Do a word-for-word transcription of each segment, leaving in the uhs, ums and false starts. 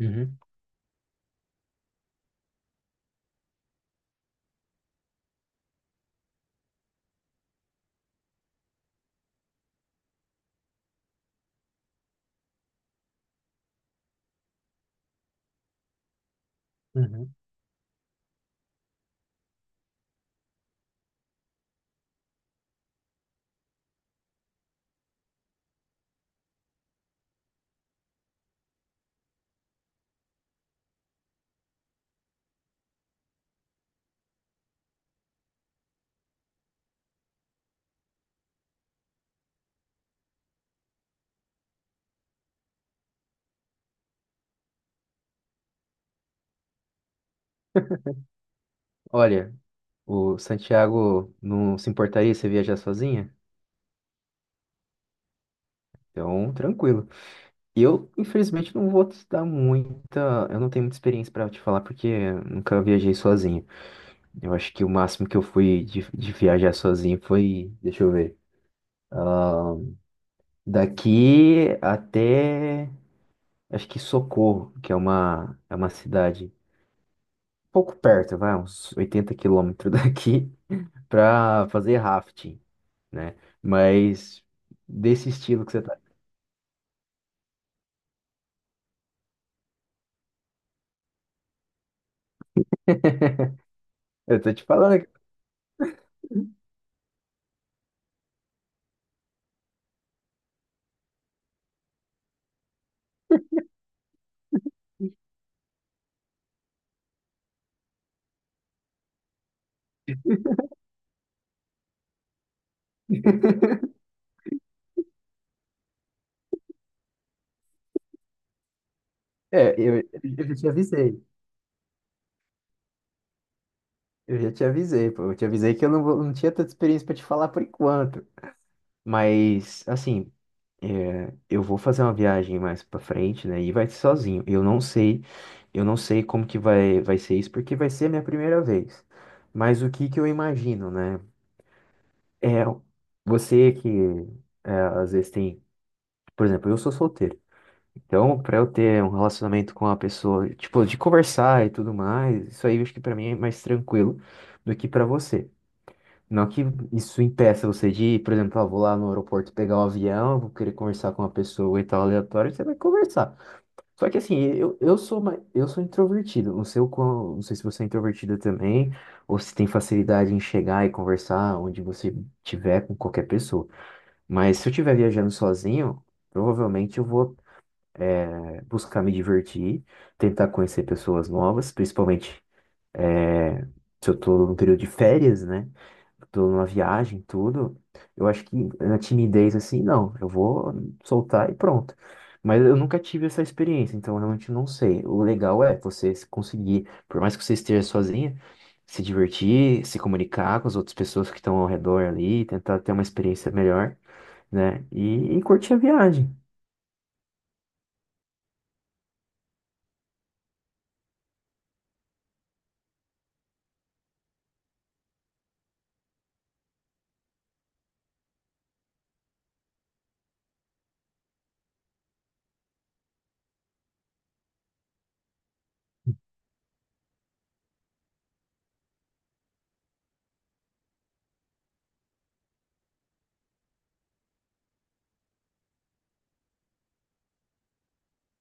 Uhum, uhum. Olha, o Santiago não se importaria se viajar sozinha? Então, tranquilo. Eu, infelizmente, não vou te dar muita. Eu não tenho muita experiência para te falar porque eu nunca viajei sozinho. Eu acho que o máximo que eu fui de, de viajar sozinho foi. Deixa eu ver. ah, Daqui até. Acho que Socorro, que é uma, é uma cidade pouco perto, vai, uns oitenta quilômetros daqui. Pra fazer rafting, né? Mas desse estilo que você tá. Eu tô te falando. que- É, eu, eu já te avisei. Eu já te avisei, pô. Eu te avisei que eu não, vou- não tinha tanta experiência pra te falar por enquanto. Mas, assim, é, eu vou fazer uma viagem mais pra frente, né? E vai ser sozinho. Eu não sei, eu não sei como que vai, vai ser isso, porque vai ser a minha primeira vez. Mas o que que eu imagino, né? É, você que é, às vezes tem. Por exemplo, eu sou solteiro. Então, para eu ter um relacionamento com a pessoa, tipo, de conversar e tudo mais, isso aí eu acho que para mim é mais tranquilo do que para você. Não que isso impeça você de, por exemplo, ah, vou lá no aeroporto pegar um avião, vou querer conversar com uma pessoa e tal, aleatório, você vai conversar. Só que assim, eu, eu sou mais, eu sou introvertido, não sei o quão, não sei se você é introvertida também, ou se tem facilidade em chegar e conversar onde você tiver com qualquer pessoa. Mas se eu estiver viajando sozinho, provavelmente eu vou. é, Buscar me divertir, tentar conhecer pessoas novas, principalmente eh, se eu tô num período de férias, né? Tô numa viagem, tudo. Eu acho que na timidez, assim, não, eu vou soltar e pronto. Mas eu nunca tive essa experiência, então eu realmente não sei. O legal é você se conseguir, por mais que você esteja sozinha, se divertir, se comunicar com as outras pessoas que estão ao redor ali, tentar ter uma experiência melhor, né? E, e curtir a viagem.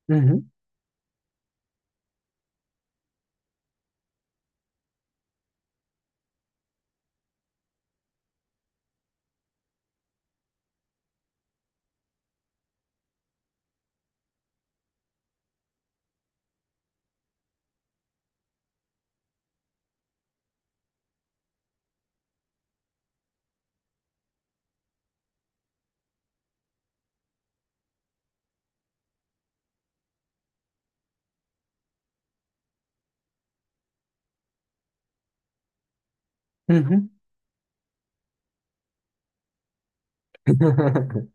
Uhum, uhum.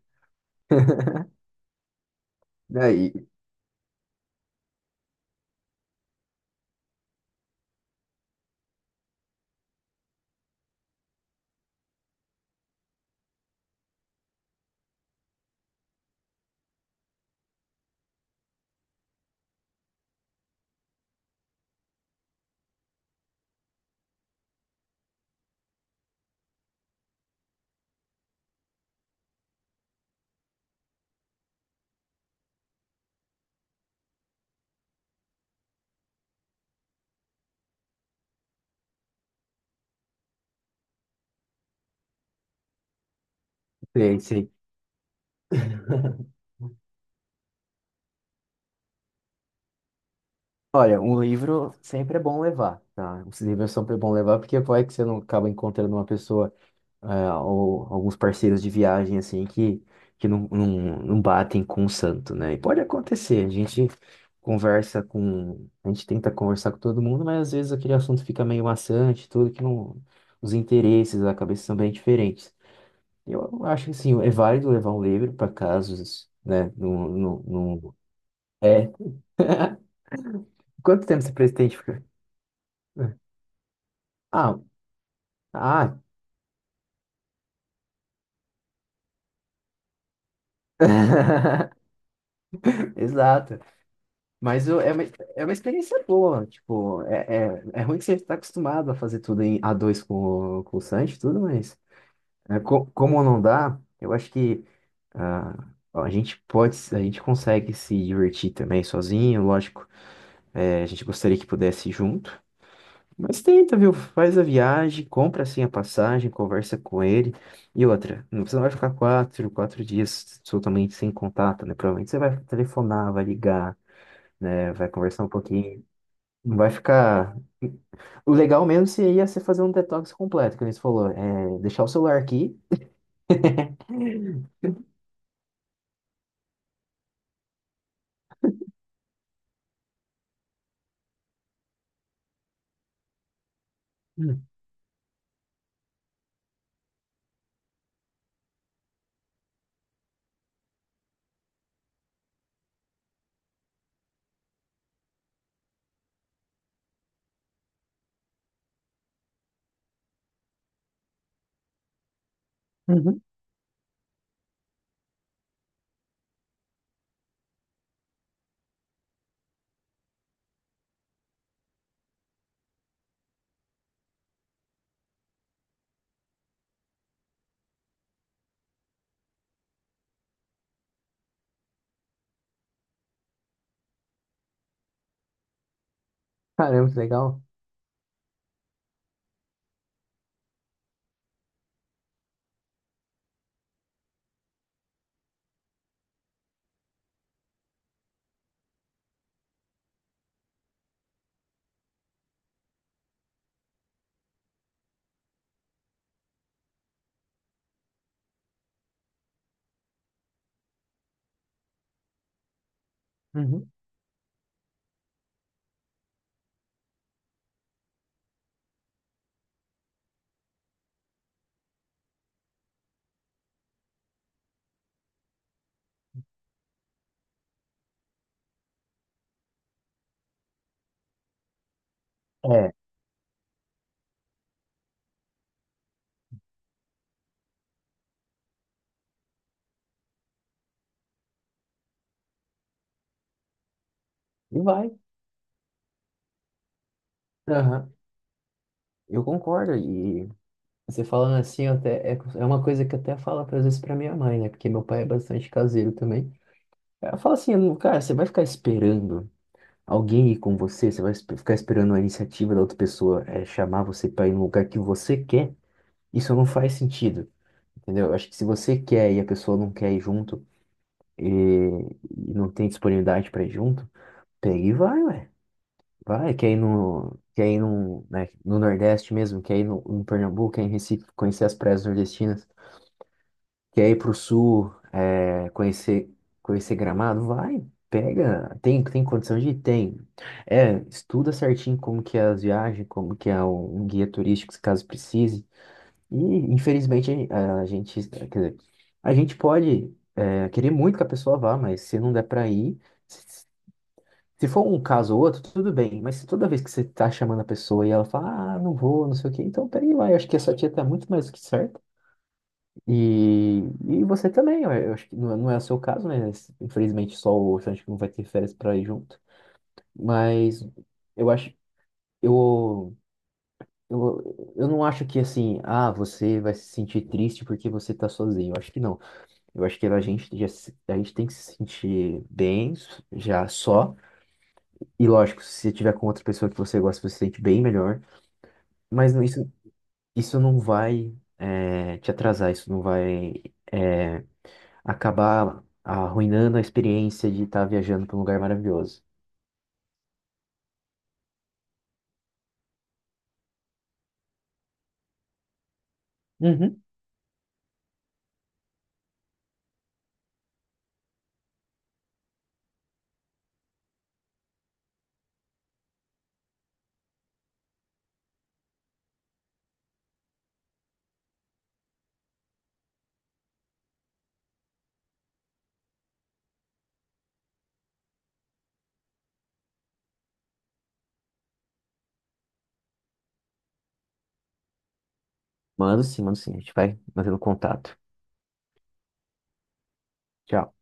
Daí, sei, sei. Olha, um livro sempre é bom levar, tá? Os livros sempre é bom levar porque vai que você não acaba encontrando uma pessoa é, ou alguns parceiros de viagem assim que, que não, não, não batem com o santo, né? E pode acontecer, a gente conversa com, a gente tenta conversar com todo mundo, mas às vezes aquele assunto fica meio maçante, tudo que não, os interesses, a cabeça são bem diferentes. Eu acho que sim, é válido levar um livro para casos, né? Não, não, não- Quanto tempo você pretende ficar? Ah, ah. Exato. Mas o- é uma, é uma experiência boa. Tipo, é, é, é ruim que você está acostumado a fazer tudo em a dois com, o- com o Sanji, e tudo, mas é, co- como não dá, eu acho que ah, a gente pode, a gente consegue se divertir também sozinho, lógico. É, a gente gostaria que pudesse ir junto. Mas tenta, viu? Faz a viagem, compra assim a passagem, conversa com ele. E outra, não- você não vai ficar quatro, quatro dias totalmente sem contato, né? Provavelmente você vai telefonar, vai ligar, né? Vai conversar um pouquinho. Não vai ficar. O legal mesmo seria você fazer um detox completo, que eles falou. É deixar o celular aqui. Hum. Uhum. Caramba, que legal. Uhum. É, e vai. Aham. Eu concordo. Você falando assim, eu até, é, é uma coisa que eu até falo às vezes pra minha mãe, né? Porque meu pai é bastante caseiro também. Ela fala assim, "Lu, cara, você vai ficar esperando alguém ir com você? Você vai espe- ficar esperando a iniciativa da outra pessoa é, chamar você pra ir no lugar que você quer? Isso não faz sentido, entendeu? Eu acho que se você quer e a pessoa não quer ir junto e, e não tem disponibilidade pra ir junto, pega e vai, ué. Vai, quer ir no, quer ir no, né, no Nordeste mesmo, quer ir no, no Pernambuco, quer ir em Recife, conhecer as praias nordestinas. Quer ir pro sul, é, conhecer, conhecer Gramado? Vai, pega. Tem, tem condição de ir? Tem. É, estuda certinho como que é as viagens, como que é o- um guia turístico, se caso precise. E, infelizmente, a, a gente, quer dizer, a gente pode, é, querer muito que a pessoa vá, mas se não der pra ir, se, se for um caso ou outro, tudo bem. Mas se toda vez que você tá chamando a pessoa e ela fala, ah, não vou, não sei o quê, então pega e vai. Eu acho que a sua tia tá muito mais do que certa. E, e você também, eu eu acho que não é, não é o seu caso, né? Infelizmente só o Sancho que não vai ter férias para ir junto. Mas eu acho, eu, eu, eu não acho que assim, ah, você vai se sentir triste porque você tá sozinho. Eu acho que não. Eu acho que a gente, já, se- a gente tem que se sentir bem já só. E lógico, se você tiver com outra pessoa que você gosta, você se sente bem melhor. Mas não- isso, isso não vai, eh, te atrasar, isso não vai. eh, Acabar arruinando a experiência de estar viajando para um lugar maravilhoso. Uhum. Mando sim, mando sim. A gente vai mantendo contato. Tchau.